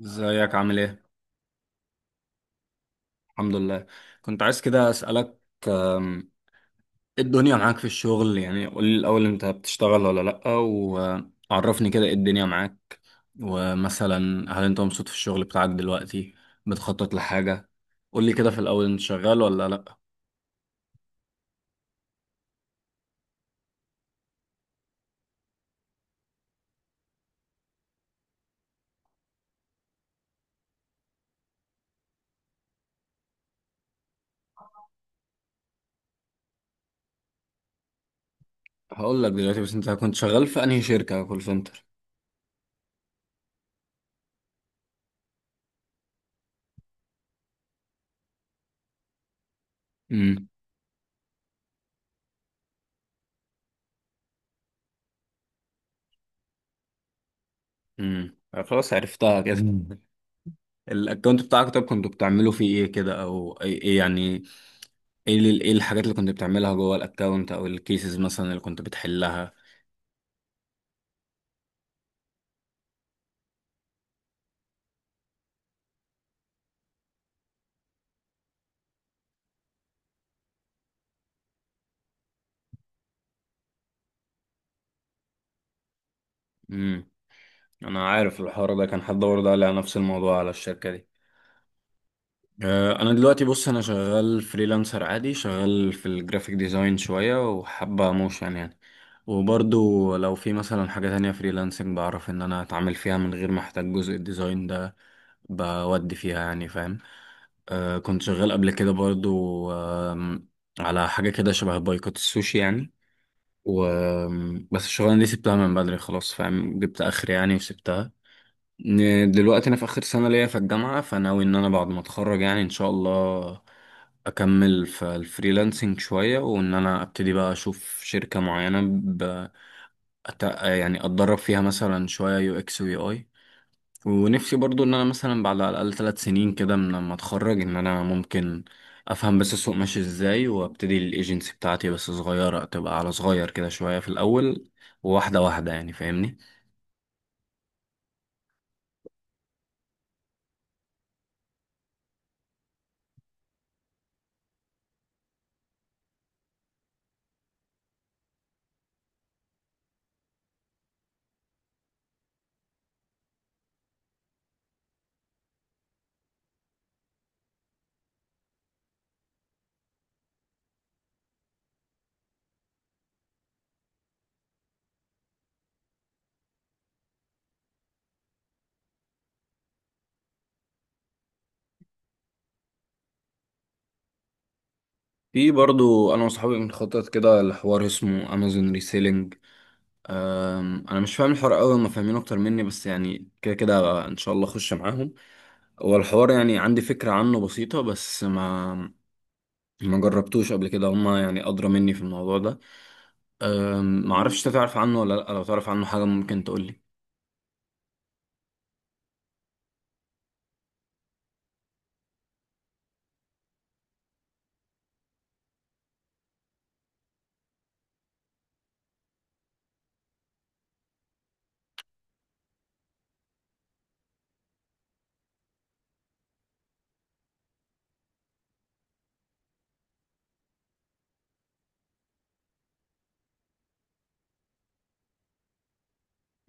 ازيك عامل ايه؟ الحمد لله. كنت عايز كده اسألك. آم، ايه الدنيا معاك في الشغل، يعني قول لي الأول، انت بتشتغل ولا لأ؟ وعرفني كده ايه الدنيا معاك. ومثلا هل انت مبسوط في الشغل بتاعك دلوقتي؟ بتخطط لحاجة؟ قول لي كده في الأول، انت شغال ولا لأ؟ هقول لك دلوقتي، بس انت كنت شغال في انهي شركة كول سنتر؟ امم امم خلاص عرفتها كده الاكونت بتاعك، طب كنتوا بتعملوا فيه ايه كده، او ايه إيه يعني؟ ايه الحاجات اللي كنت بتعملها جوه الاكونت، او الكيسز مثلا اللي كنت بتحلها؟ امم انا عارف الحوار ده، كان حد برضه قال لي على نفس الموضوع، على الشركه دي. انا دلوقتي بص، انا شغال فريلانسر عادي، شغال في الجرافيك ديزاين شويه وحابه موشن يعني. وبرضه لو في مثلا حاجه تانية فريلانسنج بعرف ان انا اتعامل فيها من غير ما احتاج جزء الديزاين ده، بودي فيها يعني فاهم. كنت شغال قبل كده برضه. آم، على حاجه كده شبه بايكوت السوشي يعني. و بس الشغلانة دي سبتها من بدري خلاص فاهم، جبت آخر يعني وسبتها. دلوقتي أنا في آخر سنة ليا في الجامعة، فناوي إن أنا بعد ما أتخرج يعني إن شاء الله أكمل في الفريلانسنج شوية، وإن أنا أبتدي بقى أشوف شركة معينة يعني أتدرب فيها مثلا شوية يو إكس ويو آي. ونفسي برضو ان انا مثلا بعد على الاقل 3 سنين كده من لما اتخرج ان انا ممكن افهم بس السوق ماشي ازاي، وابتدي الايجنسي بتاعتي، بس صغيره تبقى، على صغير كده شويه في الاول، وواحده واحده يعني فاهمني. في برضو انا وصحابي بنخطط كده لحوار اسمه امازون ريسيلينج. انا مش فاهم الحوار قوي، هم فاهمين اكتر مني، بس يعني كده كده ان شاء الله اخش معاهم. هو الحوار يعني عندي فكره عنه بسيطه، بس ما جربتوش قبل كده، هما يعني ادرى مني في الموضوع ده. معرفش انت تعرف عنه ولا لأ، لو تعرف عنه حاجة ممكن تقولي.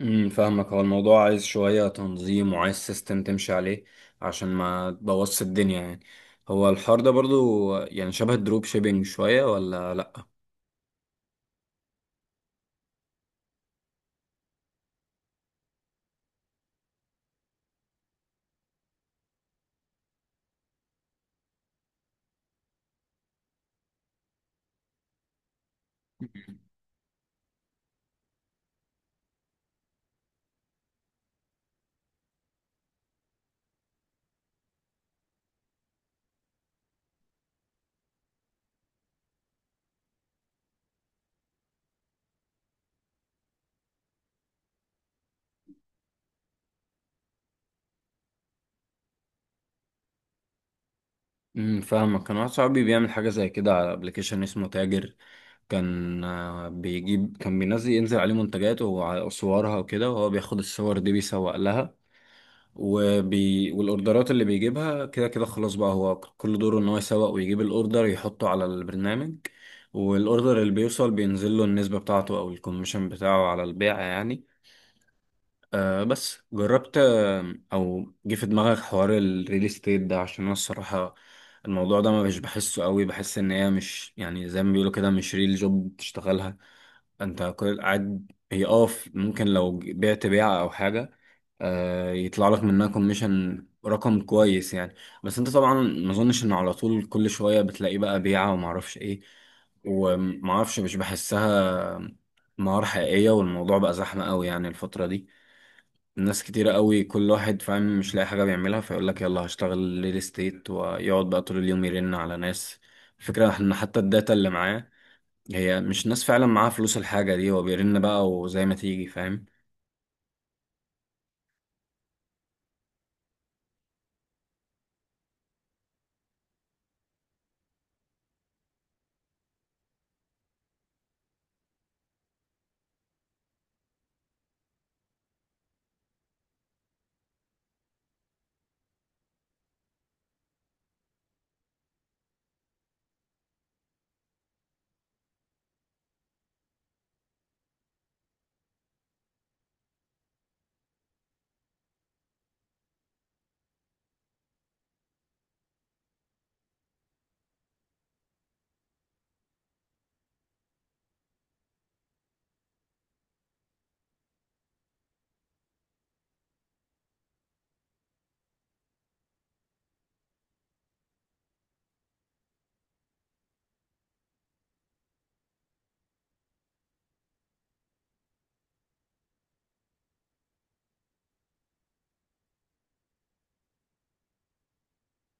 فاهمك. هو الموضوع عايز شوية تنظيم وعايز سيستم تمشي عليه عشان ما تبوظش الدنيا يعني. هو الحوار ده برضو يعني شبه الدروب شيبينج شوية ولا لأ؟ فاهمك. كان واحد صاحبي بيعمل حاجة زي كده على ابلكيشن اسمه تاجر. كان بيجيب، كان ينزل عليه منتجات وصورها وكده، وهو بياخد الصور دي بيسوق لها. والاوردرات اللي بيجيبها كده كده خلاص بقى، هو كل دوره ان هو يسوق ويجيب الاوردر يحطه على البرنامج. والاوردر اللي بيوصل بينزل له النسبة بتاعته او الكوميشن بتاعه على البيع يعني. آه بس جربت، او جه في دماغك حوار الريل استيت ده؟ عشان انا الصراحة الموضوع ده ما مش بحسه قوي، بحس ان هي مش يعني زي ما بيقولوا كده، مش ريل جوب بتشتغلها انت، كل قاعد. هي اه ممكن لو بعت بيعة او حاجة، يطلع لك منها كوميشن رقم كويس يعني. بس انت طبعا ما اظنش ان على طول كل شوية بتلاقي بقى بيعة وما اعرفش ايه وما اعرفش، مش بحسها مهارة حقيقية. والموضوع بقى زحمة قوي يعني الفترة دي، الناس كتيرة قوي، كل واحد فاهم مش لاقي حاجة بيعملها فيقول لك يلا هشتغل ريل استيت، ويقعد بقى طول اليوم يرن على ناس. الفكرة ان حتى الداتا اللي معاه هي مش ناس فعلا معاها فلوس الحاجة دي، هو بيرن بقى وزي ما تيجي فاهم.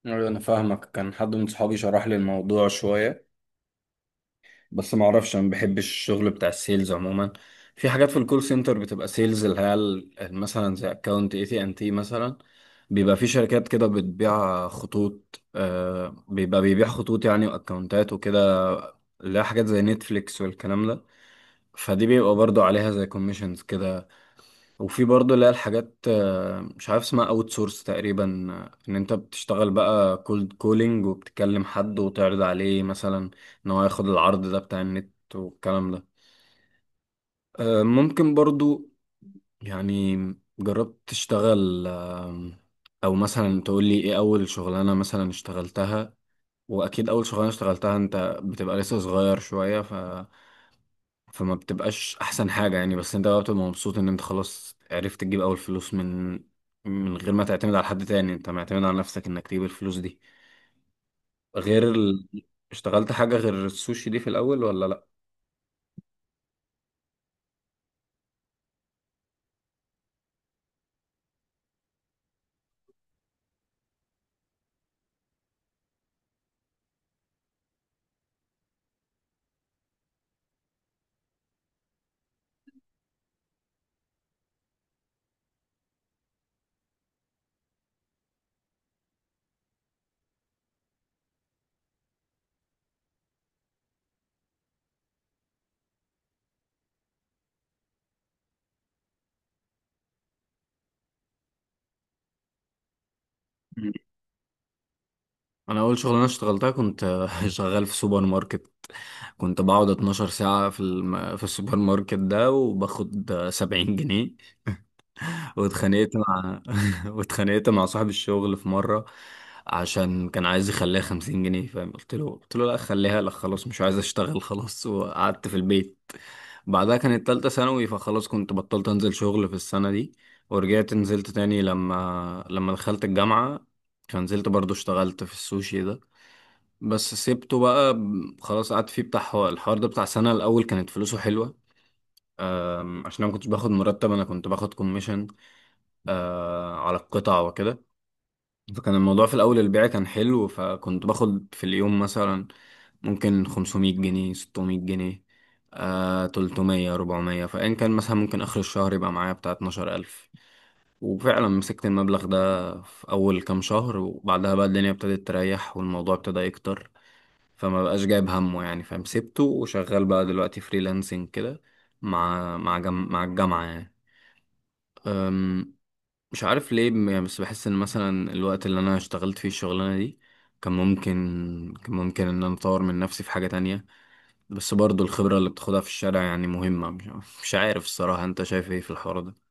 أيوة أنا فاهمك. كان حد من صحابي شرح لي الموضوع شوية، بس ما أعرفش، أنا ما بحبش الشغل بتاع السيلز عموما. في حاجات في الكول سنتر بتبقى سيلز، اللي هي مثلا زي أكاونت اي تي ان تي مثلا. بيبقى في شركات كده بتبيع خطوط، آه بيبقى بيبيع خطوط يعني وأكاونتات وكده، اللي هي حاجات زي نتفليكس والكلام ده، فدي بيبقى برضو عليها زي كوميشنز كده. وفي برضه اللي هي الحاجات، مش عارف اسمها اوت سورس تقريبا، ان انت بتشتغل بقى كولد كولينج وبتكلم حد وتعرض عليه مثلا ان هو ياخد العرض ده بتاع النت والكلام ده. ممكن برضه يعني جربت تشتغل، او مثلا تقول لي ايه اول شغلانة مثلا اشتغلتها؟ واكيد اول شغلانة اشتغلتها انت بتبقى لسه صغير شوية، فما بتبقاش احسن حاجة يعني، بس انت بقى بتبقى مبسوط ان انت خلاص عرفت تجيب اول فلوس، من من غير ما تعتمد على حد تاني، انت معتمد على نفسك انك تجيب الفلوس دي. غير ال... اشتغلت حاجة غير السوشي دي في الاول ولا لا؟ مم. انا اول شغلانة اشتغلتها كنت شغال في سوبر ماركت. كنت بقعد 12 ساعة في في السوبر ماركت ده وباخد 70 جنيه. واتخانقت مع واتخانقت مع صاحب الشغل في مرة عشان كان عايز يخليها 50 جنيه فاهم. قلت له لا خليها، لا خلاص مش عايز اشتغل خلاص، وقعدت في البيت. بعدها كانت تالتة ثانوي فخلاص كنت بطلت انزل شغل في السنة دي. ورجعت نزلت تاني لما دخلت الجامعة، فنزلت برضو اشتغلت في السوشي ده. بس سيبته بقى خلاص، قعدت فيه بتاع الحوار ده بتاع سنة، الأول كانت فلوسه حلوة. عشان أنا ما كنتش باخد مرتب، أنا كنت باخد كوميشن آه على القطع وكده. فكان الموضوع في الأول البيع كان حلو، فكنت باخد في اليوم مثلا ممكن 500 جنيه، 600 جنيه، 300، 400. فإن كان مثلا ممكن آخر الشهر يبقى معايا بتاع 12,000. وفعلا مسكت المبلغ ده في أول كام شهر، وبعدها بقى الدنيا ابتدت تريح والموضوع ابتدى يكتر، فما بقاش جايب همه يعني فاهم. سبته وشغال بقى دلوقتي فريلانسنج كده، مع مع الجامعة يعني. مش عارف ليه يعني، بس بحس ان مثلا الوقت اللي انا اشتغلت فيه الشغلانه دي كان ممكن، كان ممكن ان انا اطور من نفسي في حاجه تانية. بس برضو الخبره اللي بتاخدها في الشارع يعني مهمه، مش عارف الصراحه انت شايف ايه في الحوار ده.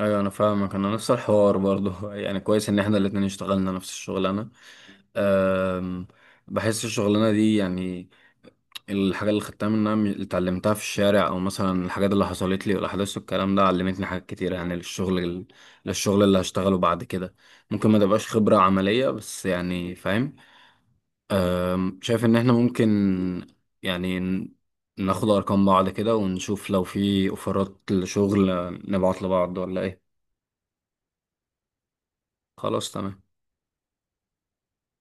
ايوه انا فاهمك، انا نفس الحوار برضو يعني كويس ان احنا الاتنين اشتغلنا نفس الشغلانه. أم، بحس الشغلانه دي يعني الحاجة اللي خدتها منها اللي اتعلمتها في الشارع، او مثلا الحاجات اللي حصلت لي والاحداث والكلام ده علمتني حاجات كتير يعني للشغل للشغل اللي هشتغله بعد كده، ممكن ما تبقاش خبرة عملية بس يعني فاهم. شايف ان احنا ممكن يعني ناخد ارقام بعض كده ونشوف لو في اوفرات لشغل نبعت لبعض ولا ايه. خلاص تمام.